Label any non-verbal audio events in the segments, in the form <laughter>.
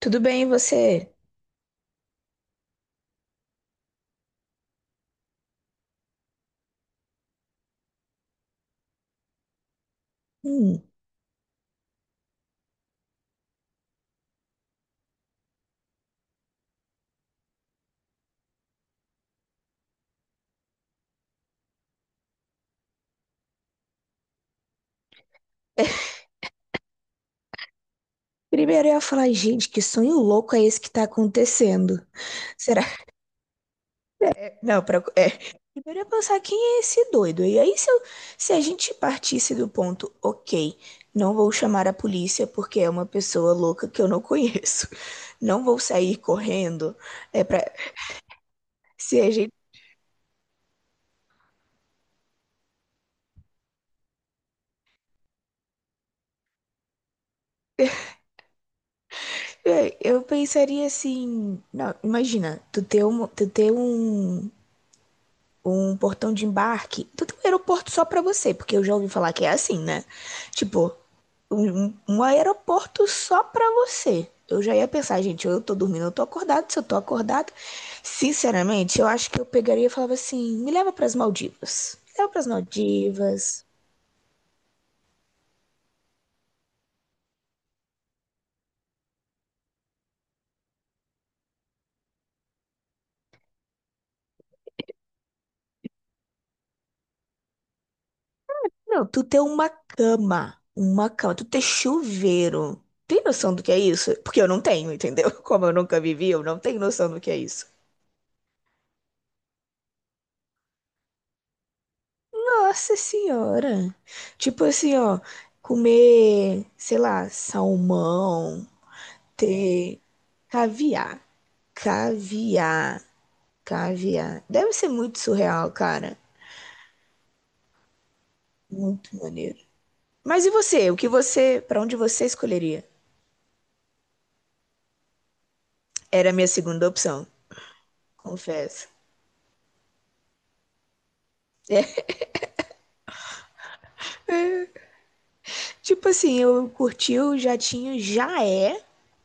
Tudo bem, e você? Hum. Primeiro eu ia falar, gente, que sonho louco é esse que tá acontecendo? <laughs> Será? Não, é. Primeiro eu ia pensar, quem é esse doido? E aí, se a gente partisse do ponto, ok, não vou chamar a polícia porque é uma pessoa louca que eu não conheço. <laughs> Não vou sair correndo. É pra. Se a gente. É, eu pensaria assim. Não, imagina, um portão de embarque. Então tem um aeroporto só pra você, porque eu já ouvi falar que é assim, né? Tipo, um aeroporto só pra você. Eu já ia pensar, gente, eu tô dormindo, eu tô acordado. Se eu tô acordado, sinceramente, eu acho que eu pegaria e falava assim: me leva pras Maldivas. Me leva pras Maldivas. Não, tu ter uma cama. Uma cama, tu ter chuveiro. Tem noção do que é isso? Porque eu não tenho, entendeu? <laughs> Como eu nunca vivi, eu não tenho noção do que é isso. Nossa senhora. Tipo assim, ó, comer, sei lá, salmão, ter caviar, caviar, caviar. Deve ser muito surreal, cara. Muito maneiro. Mas e você? O que você, pra onde você escolheria? Era a minha segunda opção, confesso. É, tipo assim, eu curti o jatinho, já é,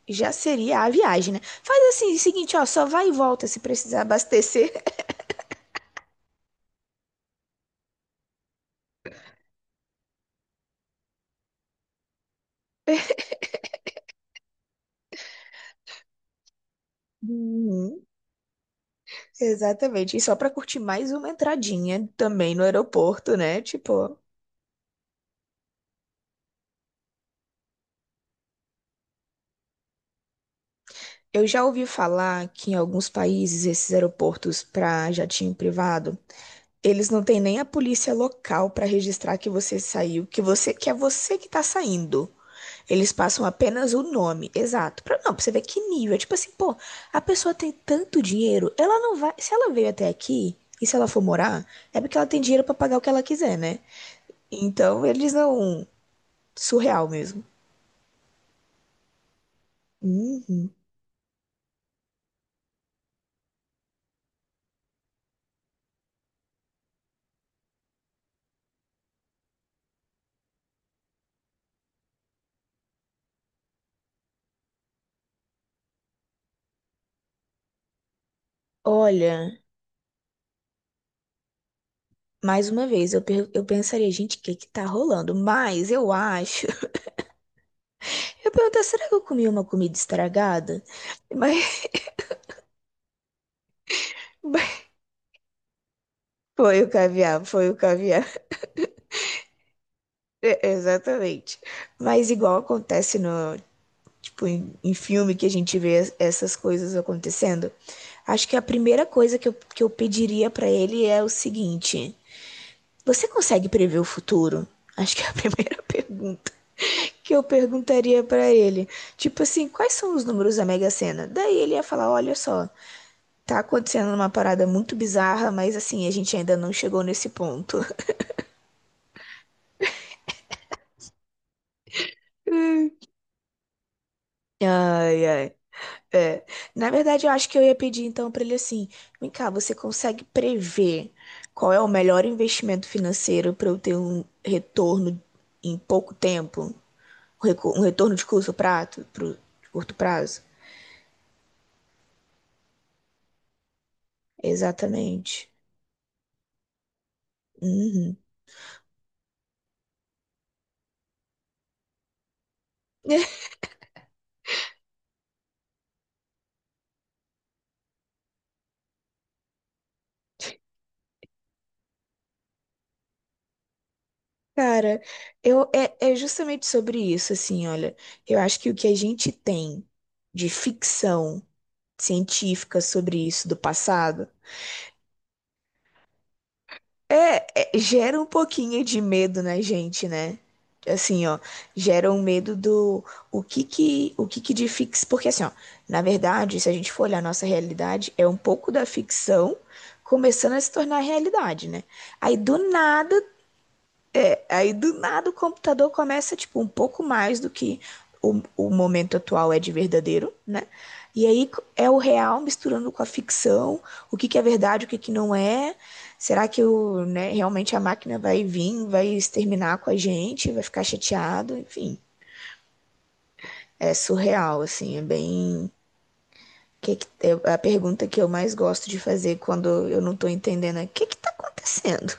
já seria a viagem, né? Faz assim, o seguinte, ó, só vai e volta se precisar abastecer. <laughs> Uhum. Exatamente. E só para curtir mais uma entradinha também no aeroporto, né? Tipo, eu já ouvi falar que em alguns países esses aeroportos para jatinho privado, eles não têm nem a polícia local para registrar que você saiu, que você que é você que tá saindo. Eles passam apenas o nome, exato. Pra, não, pra você ver que nível. É tipo assim, pô, a pessoa tem tanto dinheiro, ela não vai. Se ela veio até aqui e se ela for morar, é porque ela tem dinheiro para pagar o que ela quiser, né? Então, eles não. Surreal mesmo. Uhum. Olha, mais uma vez, eu pensaria, gente, o que que tá rolando? Mas eu acho. <laughs> Eu perguntei, será que eu comi uma comida estragada? Mas, <laughs> mas foi o caviar, foi o caviar. <laughs> É, exatamente. Mas igual acontece no, tipo, em filme que a gente vê essas coisas acontecendo, acho que a primeira coisa que eu pediria pra ele é o seguinte: você consegue prever o futuro? Acho que é a <laughs> primeira pergunta que eu perguntaria para ele, tipo assim, quais são os números da Mega Sena? Daí ele ia falar, olha só, tá acontecendo uma parada muito bizarra, mas assim, a gente ainda não chegou nesse ponto. <laughs> Ai, ai. É. Na verdade, eu acho que eu ia pedir então para ele assim: vem cá, você consegue prever qual é o melhor investimento financeiro para eu ter um retorno em pouco tempo? Um retorno de curto prazo? Pro, de curto prazo? Exatamente. Uhum. Cara, eu, é justamente sobre isso, assim, olha. Eu acho que o que a gente tem de ficção científica sobre isso do passado é, gera um pouquinho de medo na gente, né? Assim, ó, gera um medo do o que que de fix. Porque, assim, ó, na verdade, se a gente for olhar a nossa realidade, é um pouco da ficção começando a se tornar realidade, né? Aí, do nada, Aí do nada o computador começa, tipo, um pouco mais do que o momento atual é de verdadeiro, né? E aí é o real misturando com a ficção, o que que é verdade, o que que não é. Será que o, né, realmente a máquina vai vir, vai exterminar com a gente, vai ficar chateado, enfim. É surreal, assim, é bem. Que- é a pergunta que eu mais gosto de fazer quando eu não tô entendendo é o que que tá acontecendo?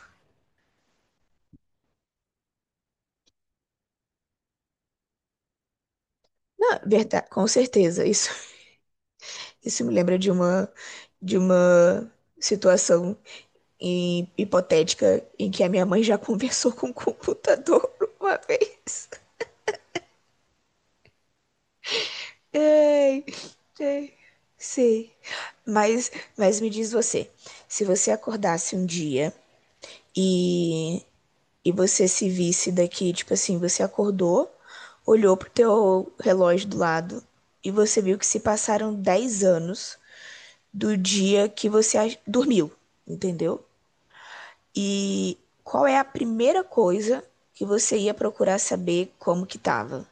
Não, verdade, com certeza, isso. Isso me lembra de uma situação hipotética em que a minha mãe já conversou com o computador <laughs> uma vez. Ai, ai, sei. Mas, mas me diz você, se você acordasse um dia e, e você se visse daqui, tipo assim, você acordou, olhou pro teu relógio do lado e você viu que se passaram 10 anos do dia que você dormiu, entendeu? E qual é a primeira coisa que você ia procurar saber como que tava?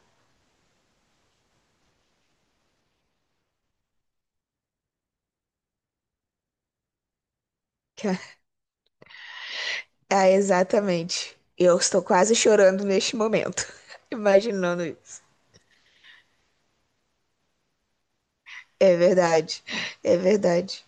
<laughs> Ah, exatamente. Eu estou quase chorando neste momento, <laughs> imaginando isso. É verdade, é verdade.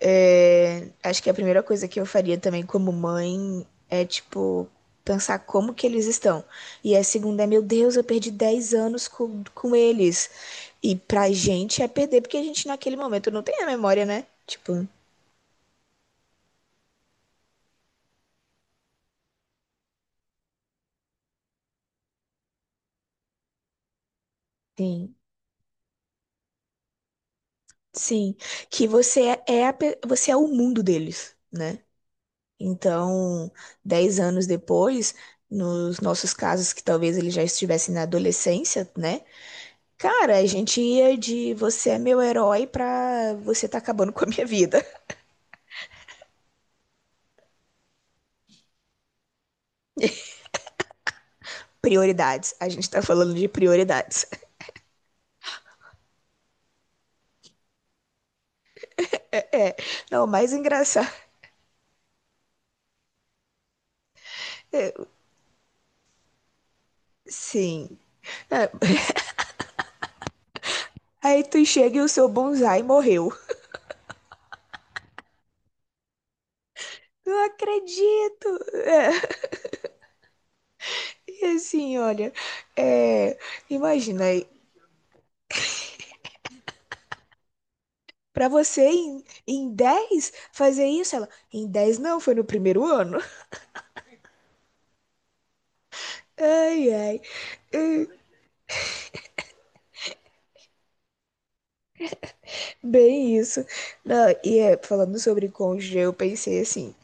É, acho que a primeira coisa que eu faria também como mãe é, tipo, pensar como que eles estão. E a segunda é, meu Deus, eu perdi 10 anos com eles. E pra gente é perder, porque a gente naquele momento não tem a memória, né? Tipo, tem. Sim, que você é a você é o mundo deles, né? Então, 10 anos depois, nos nossos casos que talvez eles já estivessem na adolescência, né? Cara, a gente ia de você é meu herói pra você tá acabando com a minha vida. <laughs> Prioridades. A gente tá falando de prioridades. <laughs> É, não, o mais engraçado. <laughs> é, sim. É, aí tu chega e o seu bonsai morreu. Não acredito. É. E assim, olha, é, imagina aí, pra você em 10 fazer isso, ela, em 10 não, foi no primeiro ano. <laughs> Ai, ai, hum, bem isso. Não, e é, falando sobre cônjuge, eu pensei assim,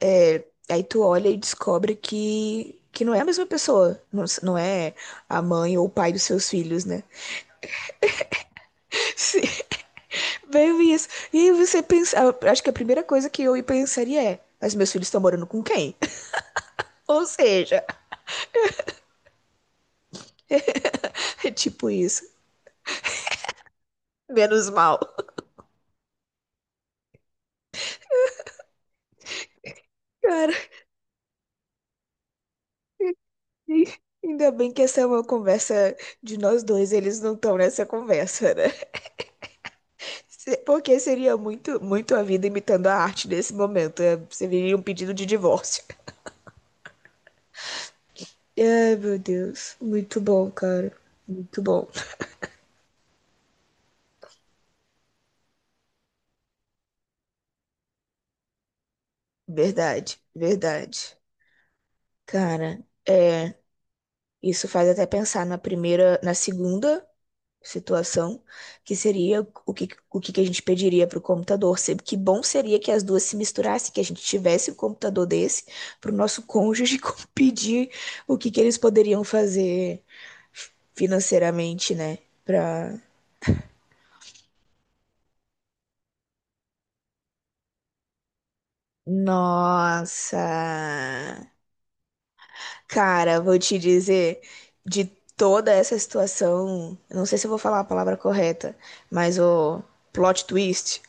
é, aí tu olha e descobre que não é a mesma pessoa, não, não é a mãe ou o pai dos seus filhos, né? <laughs> Sim, bem isso. E aí você pensa, acho que a primeira coisa que eu pensaria é, mas meus filhos estão morando com quem? <laughs> Ou seja, é tipo isso. Menos mal. Cara, <laughs> ainda bem que essa é uma conversa de nós dois, eles não estão nessa conversa, né? Porque seria muito, muito a vida imitando a arte nesse momento. É, seria um pedido de divórcio. Ai, meu Deus. Muito bom, cara. Muito bom. Verdade, verdade. Cara, é. Isso faz até pensar na primeira, na segunda situação, que seria o que que a gente pediria para o computador. Que bom seria que as duas se misturassem, que a gente tivesse um computador desse para o nosso cônjuge <laughs> pedir o que que eles poderiam fazer financeiramente, né? Pra. Nossa! Cara, vou te dizer, de toda essa situação, eu não sei se eu vou falar a palavra correta, mas o plot twist.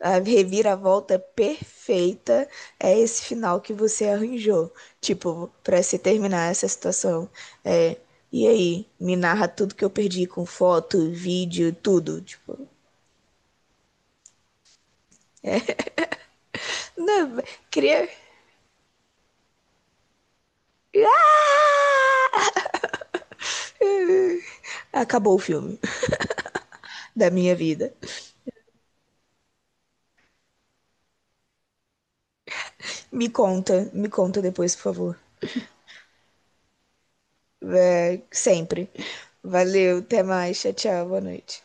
A reviravolta perfeita é esse final que você arranjou. Tipo, pra se terminar essa situação. É, e aí, me narra tudo que eu perdi com foto, vídeo, tudo. Tipo, não, queria. Acabou o filme <laughs> da minha vida. Me conta depois, por favor. É, sempre. Valeu, até mais. Tchau, tchau, boa noite.